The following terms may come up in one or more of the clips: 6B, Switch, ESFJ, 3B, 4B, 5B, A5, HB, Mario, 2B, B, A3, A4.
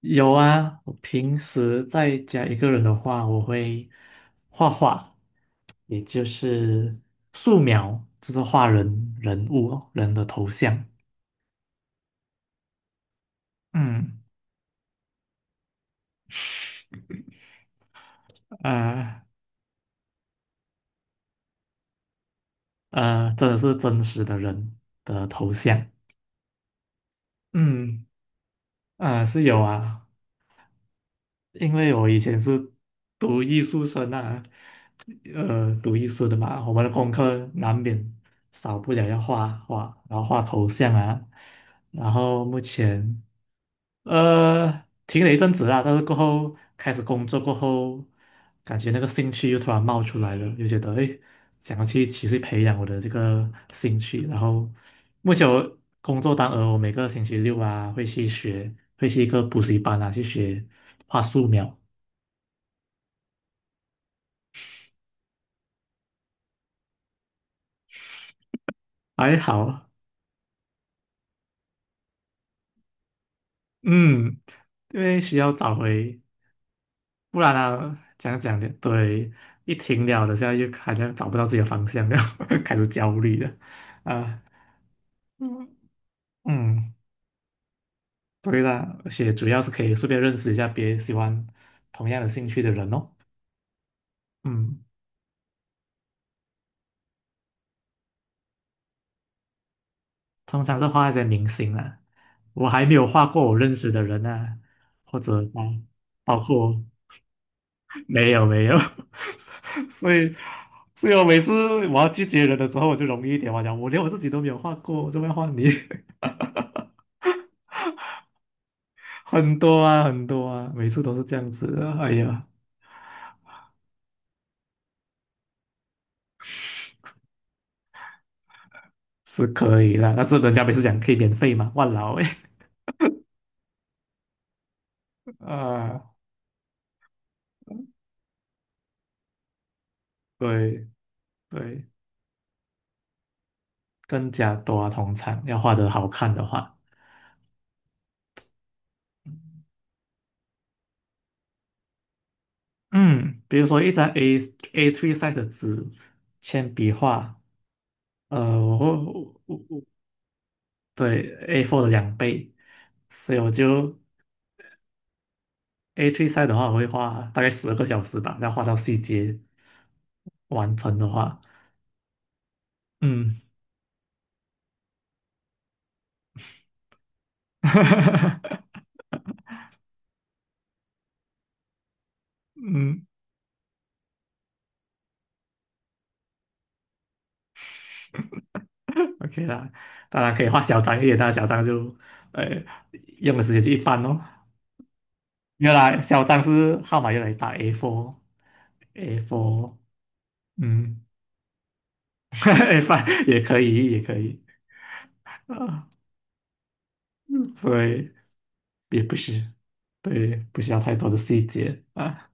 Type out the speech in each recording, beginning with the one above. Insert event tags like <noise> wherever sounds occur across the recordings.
有啊，我平时在家一个人的话，我会画画，也就是素描，就是画人物哦，人的头像。嗯，呃真的是真实的人的头像。嗯，啊，是有啊，因为我以前是读艺术生啊，读艺术的嘛，我们的功课难免少不了要画画，然后画头像啊。然后目前呃，停了一阵子啦，但是过后开始工作过后，感觉那个兴趣又突然冒出来了，又觉得诶，想要去持续培养我的这个兴趣。然后目前我工作当额，我每个星期六啊会去学，会去一个补习班啊去学画素描，还好，嗯，因为需要找回，不然啊讲讲的，对，一停了的，现在又好像找不到自己的方向了，<laughs> 开始焦虑了啊。嗯嗯，对啦，而且主要是可以顺便认识一下别喜欢同样的兴趣的人哦。嗯，通常是画一些明星啊，我还没有画过我认识的人啊，或者包括 <laughs> 没有没有，<laughs> 所以所以我每次我要拒绝人的时候，我就容易一点，我讲我连我自己都没有画过，我怎么要画你？<laughs> 很多啊很多啊，每次都是这样子的，哎呀，是可以啦，但是人家每次讲可以免费嘛，万劳哎，<laughs> 啊，对对。更加多啊。通常要画得好看的话，嗯，比如说一张 A3 size 的纸，铅笔画，我会我我对 a four 的两倍，所以我就 A3 size 的话，我会画大概12个小时吧，要画到细节完成的话，嗯，<laughs> 嗯，OK 啦，当然可以画小张一点，但小张就呃用的时间就一般哦。原来小张是号码越来越大 a four，嗯 <laughs> A5 也可以，也可以啊，所以也不是，对，不需要太多的细节啊，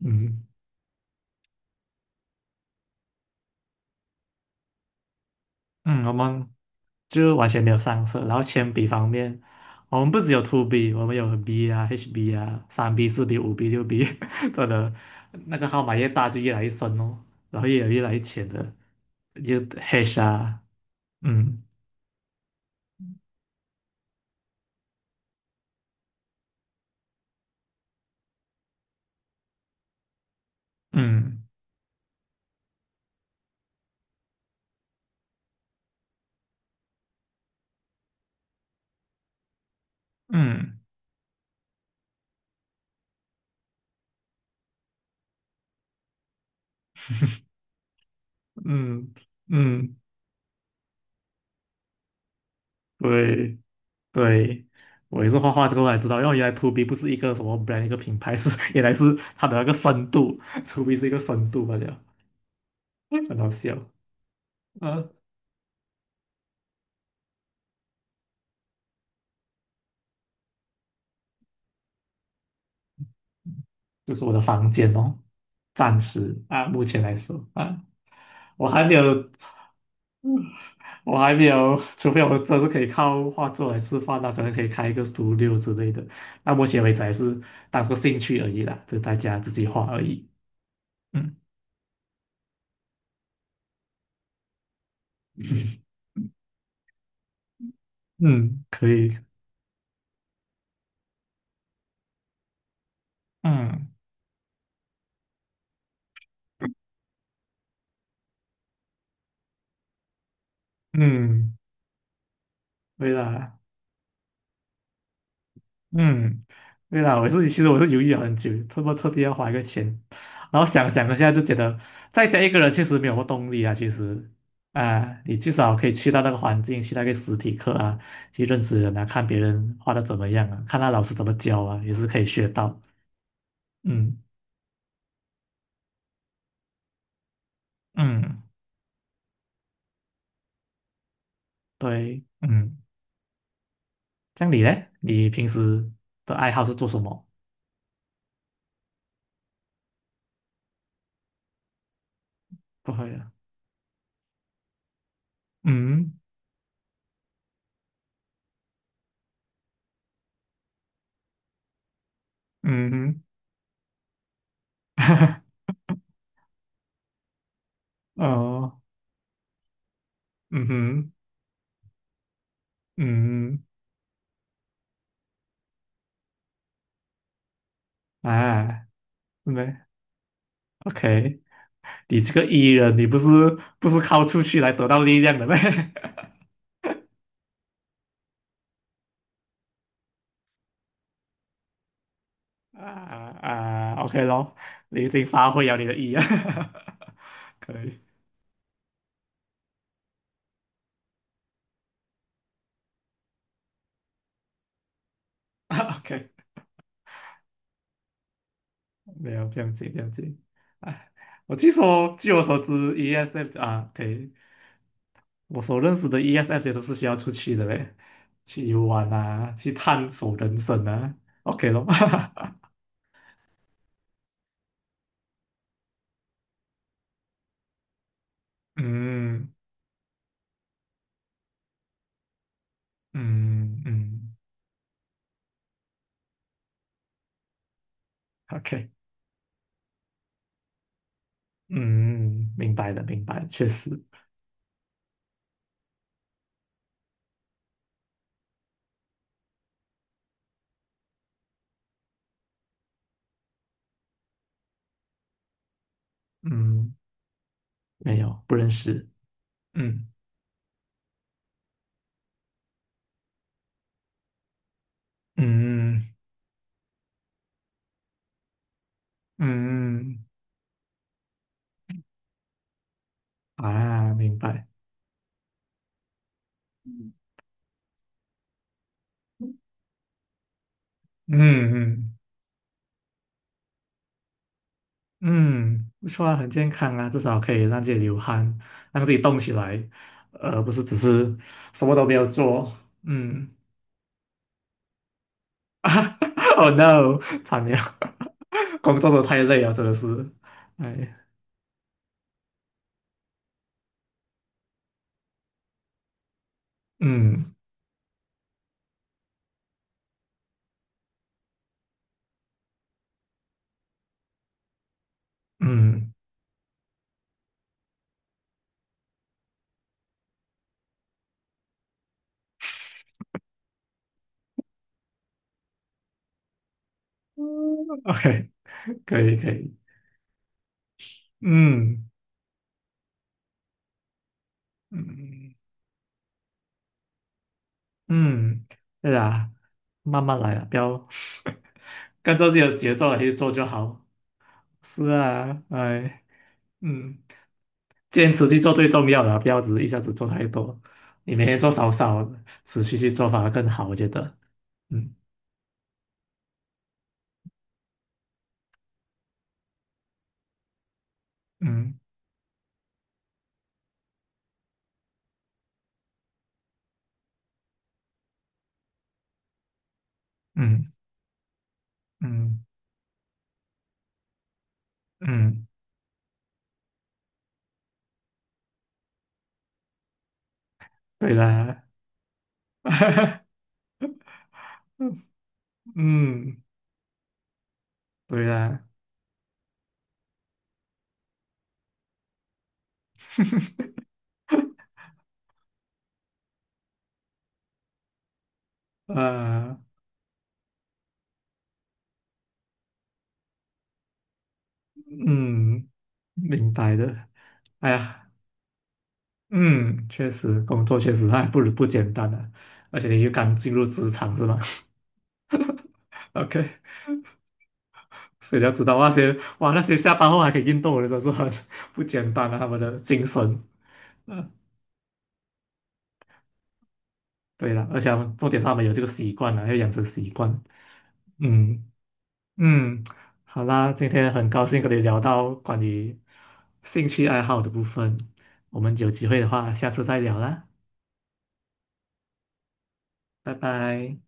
嗯嗯，我们就完全没有上色，然后铅笔方面，我们不只有 2B，我们有 B 啊、HB 啊、3B、4B、5B、6B，<laughs> 真的那个号码越大就越来越深哦，然后也有越来越浅的，就黑啊，嗯嗯。嗯嗯嗯，对对，我也是画画之后才知道，因为原来 To B 不是一个什么 brand 一个品牌，是原来是它的那个深度，To B 是一个深度罢了，很好笑。嗯，就是我的房间哦，暂时啊，目前来说啊，我还没有，我还没有，除非我真是可以靠画作来吃饭，那可能可以开一个 studio 之类的。那目前为止还是当做兴趣而已啦，就在家自己画而已。嗯嗯，可以，嗯嗯，微辣，嗯，微辣，我自己其实我是犹豫了很久，特不特地要花一个钱，然后想想了一下就觉得再加一个人确实没有动力啊，其实啊，你至少可以去到那个环境，去那个实体课啊，去认识人啊，看别人画的怎么样啊，看他老师怎么教啊，也是可以学到，嗯嗯，对，嗯，像你嘞，你平时的爱好是做什么？不会啊，嗯嗯哼。<laughs> 哦，嗯哼，嗯，哎，没，OK，你这个 E 人，你不是靠出去来得到力量的咩？<laughs> 啊啊，OK 咯，你已经发挥了你的 E 啊，<laughs> 可以 <laughs>，OK，没有，不用紧，不用紧。哎，我据说，据我所知，ESF 啊，可以，我所认识的 ESFJ 都是需要出去的嘞，去游玩啊，去探索人生啊，OK 咯，<laughs> 嗯。嗯嗯，OK，嗯，明白了，明白了，确实，嗯，没有，不认识，嗯嗯嗯啊，明白，嗯，嗯嗯嗯说不错啊，很健康啊，至少可以让自己流汗，让自己动起来，不是只是什么都没有做，嗯 <laughs>，Oh no，惨了，<laughs> 工作都太累了，真的是，哎，嗯嗯。嗯 OK，可以可以，嗯。嗯嗯，对啊，慢慢来啊，不要 <laughs> 跟着自己的节奏来去做就好。是啊，哎，嗯，坚持去做最重要的啊，不要只一下子做太多，你每天做少少，持续去做反而更好，我觉得。嗯嗯嗯嗯嗯，对啦，<laughs> 嗯，对啦，<laughs> 嗯嗯，明白的。哎呀。嗯，确实，工作确实还不简单啊，而且你又刚进入职场是吧 <laughs>？OK，所以你要知道那些哇，那些下班后还可以运动的，真是很不简单啊，他们的精神。嗯，对了，而且他们重点是他们有这个习惯啊，要养成习惯。嗯嗯，好啦，今天很高兴跟你聊到关于兴趣爱好的部分，我们有机会的话，下次再聊啦，拜拜。